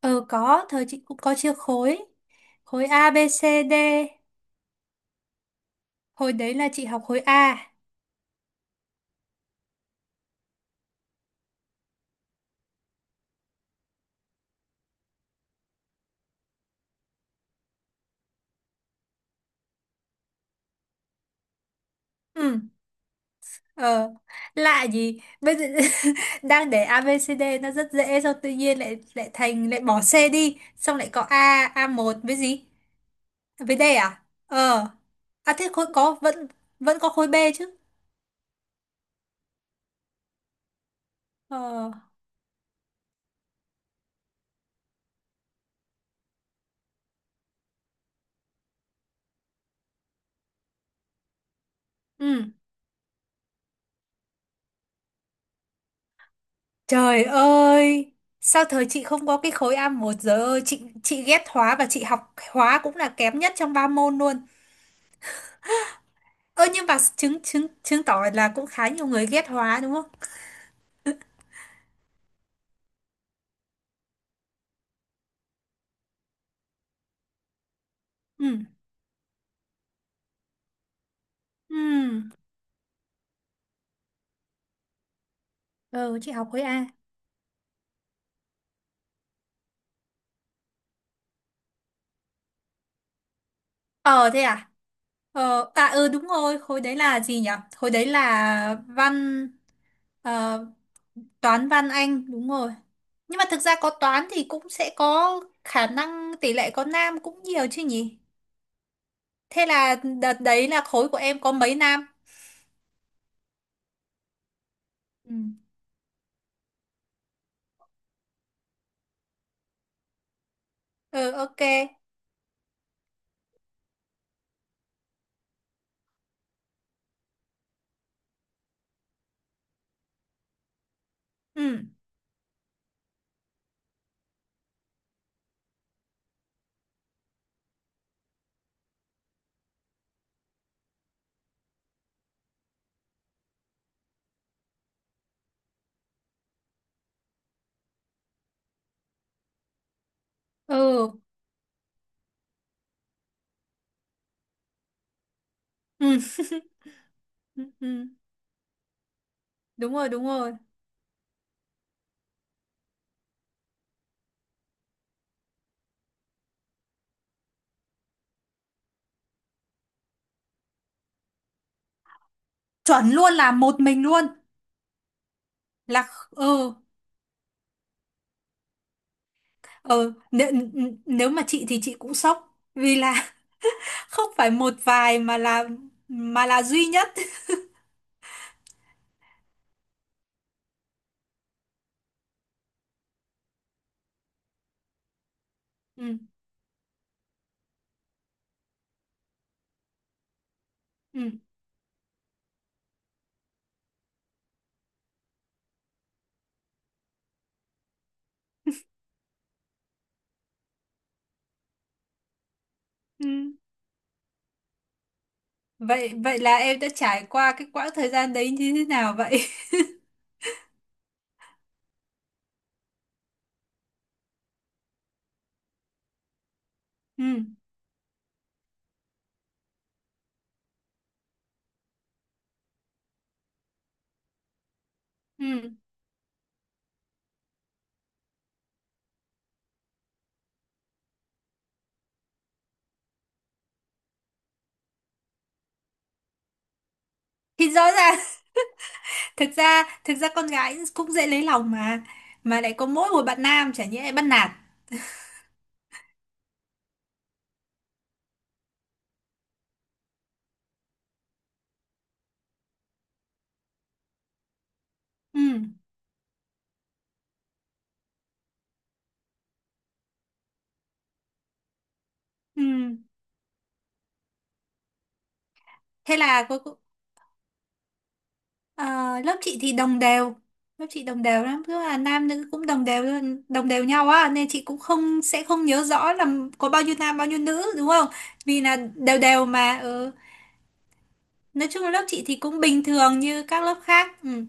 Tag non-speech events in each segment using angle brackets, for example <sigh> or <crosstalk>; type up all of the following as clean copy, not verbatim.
Ờ có, thời chị cũng có chia khối. Khối A, B, C, D. Hồi đấy là chị học khối A. Ừ, ờ, lạ gì? Bây giờ <laughs> đang để A, B, C, D nó rất dễ xong tự nhiên lại lại thành lại bỏ C đi, xong lại có A, a một với gì? Với D à? Ờ. À thế khối có vẫn vẫn có khối B chứ. Ờ. Ừ. Trời ơi, sao thời chị không có cái khối a một giờ ơi, chị ghét hóa và chị học hóa cũng là kém nhất trong ba môn luôn. Ơ nhưng mà chứng chứng chứng tỏ là cũng khá nhiều người ghét hóa đúng không? Ừ. Ừ. Ừ, chị học khối A. Ờ thế à? Ờ à ừ đúng rồi, khối đấy là gì nhỉ? Khối đấy là văn, ờ, toán văn Anh đúng rồi. Nhưng mà thực ra có toán thì cũng sẽ có khả năng tỷ lệ có nam cũng nhiều chứ nhỉ? Thế là đợt đấy là khối của em có mấy nam? Ừ. Ừ, ok. Ừ. Ừ. Ừ. Ừ. Ừ. Đúng rồi, đúng rồi. Chuẩn luôn là một mình luôn. Ừ. Ừ, nếu nếu mà chị thì chị cũng sốc vì là <laughs> không phải một vài mà là duy nhất. Ừ, ừ. ừ. vậy vậy là em đã trải qua cái quãng thời gian đấy như thế nào vậy? <laughs> Ừ, ừ. Thì rõ ràng <laughs> thực ra con gái cũng dễ lấy lòng mà lại có mỗi một bạn nam chả nhẽ lại bắt nạt. Ừ, ừ. Thế là cô. Ờ, lớp chị thì đồng đều, lớp chị đồng đều lắm tức là nam nữ cũng đồng đều luôn, đồng đều nhau á nên chị cũng không, sẽ không nhớ rõ là có bao nhiêu nam bao nhiêu nữ đúng không, vì là đều đều mà, ừ. Nói chung là lớp chị thì cũng bình thường như các lớp khác, ừ.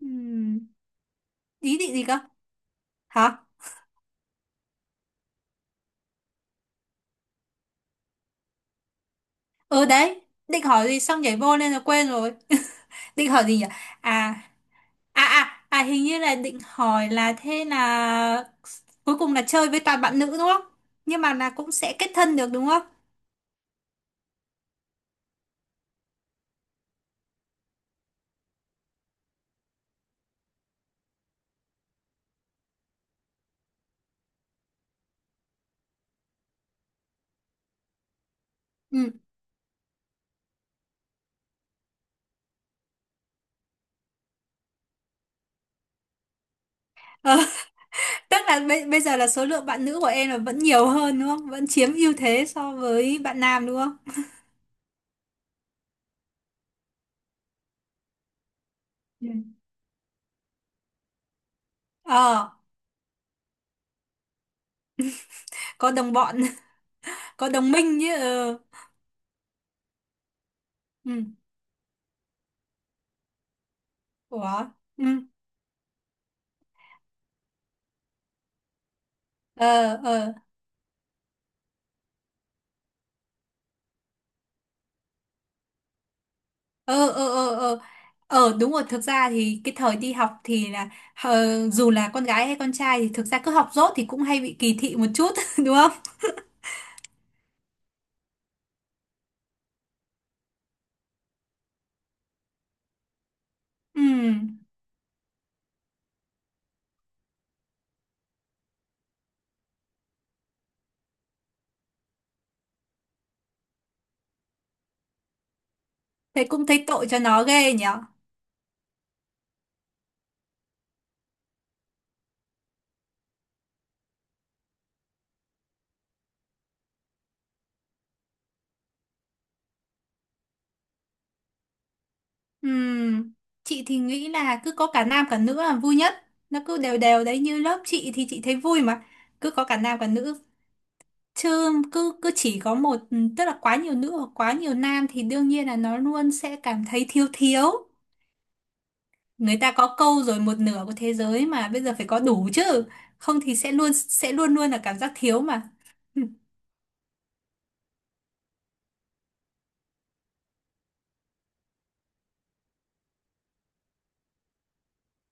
Ừ. Ý định gì cơ? Hả? Ừ đấy, định hỏi gì xong nhảy vô nên là quên rồi. <laughs> Định hỏi gì nhỉ? À. À à à, hình như là định hỏi là thế là cuối cùng là chơi với toàn bạn nữ đúng không, nhưng mà là cũng sẽ kết thân được đúng không? Ừ. Ờ, tức là bây giờ là số lượng bạn nữ của em là vẫn nhiều hơn đúng không? Vẫn chiếm ưu thế so với bạn nam đúng không? Ừ. Ờ, có đồng bọn. <laughs> Có đồng minh chứ. Ờ, ừ. Ủa? Ừ. Ờ, ờ, ờ, ờ, ờ, ờ. Ờ, đúng rồi, thực ra thì cái thời đi học thì là, ờ, dù là con gái hay con trai thì thực ra cứ học dốt thì cũng hay bị kỳ thị một chút <laughs> đúng không? Ừ. Thế cũng thấy tội cho nó ghê nhở. Ừm, Chị thì nghĩ là cứ có cả nam cả nữ là vui nhất. Nó cứ đều đều đấy như lớp chị thì chị thấy vui mà. Cứ có cả nam cả nữ. Chứ cứ cứ chỉ có một, tức là quá nhiều nữ hoặc quá nhiều nam thì đương nhiên là nó luôn sẽ cảm thấy thiếu thiếu. Người ta có câu rồi, một nửa của thế giới mà bây giờ phải có đủ chứ. Không thì sẽ luôn luôn là cảm giác thiếu mà.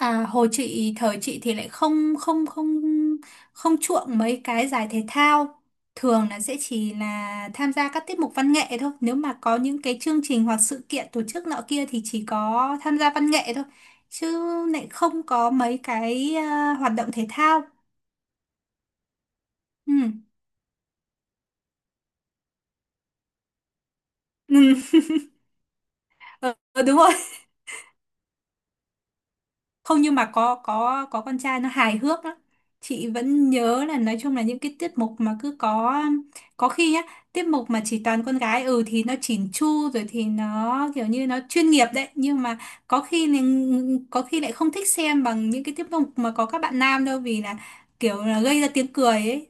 À, hồi chị thời chị thì lại không không chuộng mấy cái giải thể thao, thường là sẽ chỉ là tham gia các tiết mục văn nghệ thôi, nếu mà có những cái chương trình hoặc sự kiện tổ chức nọ kia thì chỉ có tham gia văn nghệ thôi, chứ lại không có mấy cái, hoạt động thể thao, ừ. Ừ. <laughs> Ờ, đúng rồi, không nhưng mà có có con trai nó hài hước lắm, chị vẫn nhớ là nói chung là những cái tiết mục mà cứ có khi á, tiết mục mà chỉ toàn con gái, ừ, thì nó chỉn chu rồi thì nó kiểu như nó chuyên nghiệp đấy, nhưng mà có khi lại không thích xem bằng những cái tiết mục mà có các bạn nam đâu, vì là kiểu là gây ra tiếng cười ấy,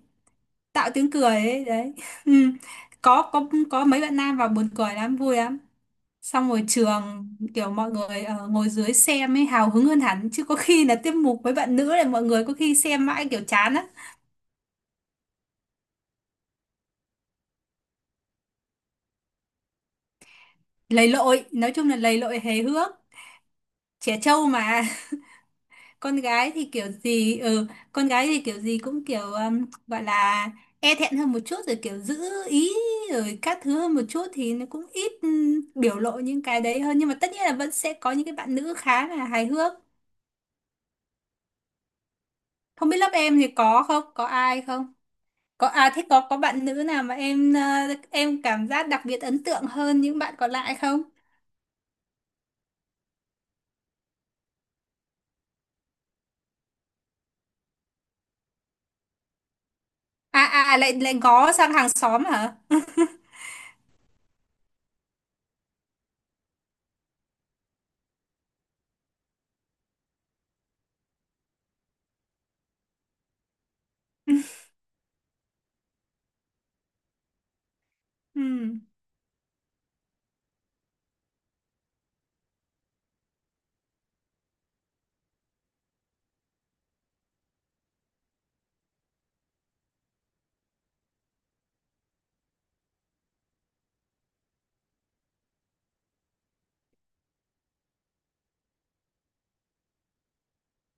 tạo tiếng cười ấy đấy. <laughs> Ừ. có có mấy bạn nam vào buồn cười lắm vui lắm, xong rồi trường, kiểu mọi người ngồi dưới xem ấy hào hứng hơn hẳn, chứ có khi là tiết mục với bạn nữ là mọi người có khi xem mãi kiểu chán á. Lầy lội, nói chung là lầy lội hề hước, trẻ trâu mà. <laughs> Con gái thì kiểu gì, ừ, con gái thì kiểu gì cũng kiểu, gọi là e thẹn hơn một chút rồi kiểu giữ ý rồi các thứ hơn một chút thì nó cũng ít, biểu lộ những cái đấy hơn, nhưng mà tất nhiên là vẫn sẽ có những cái bạn nữ khá là hài hước. Không biết lớp em thì có không, có ai không? Có à, thế có bạn nữ nào mà em em cảm giác đặc biệt ấn tượng hơn những bạn còn lại không? À à à, lại lại ngó sang hàng xóm hả? <laughs> Ừ.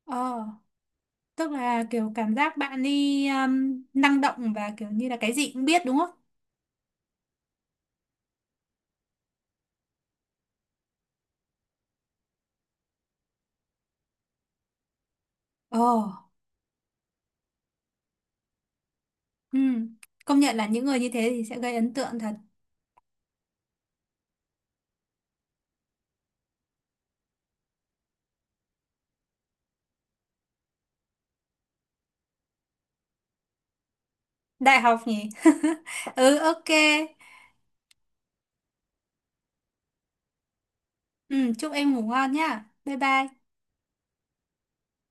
Ờ, tức là kiểu cảm giác bạn đi, năng động và kiểu như là cái gì cũng biết đúng không? Ồ. Ừ. Công nhận là những người như thế thì sẽ gây ấn tượng thật. Đại học nhỉ? <laughs> Ừ, ok. Ừ, chúc em ngủ ngon nhá. Bye bye.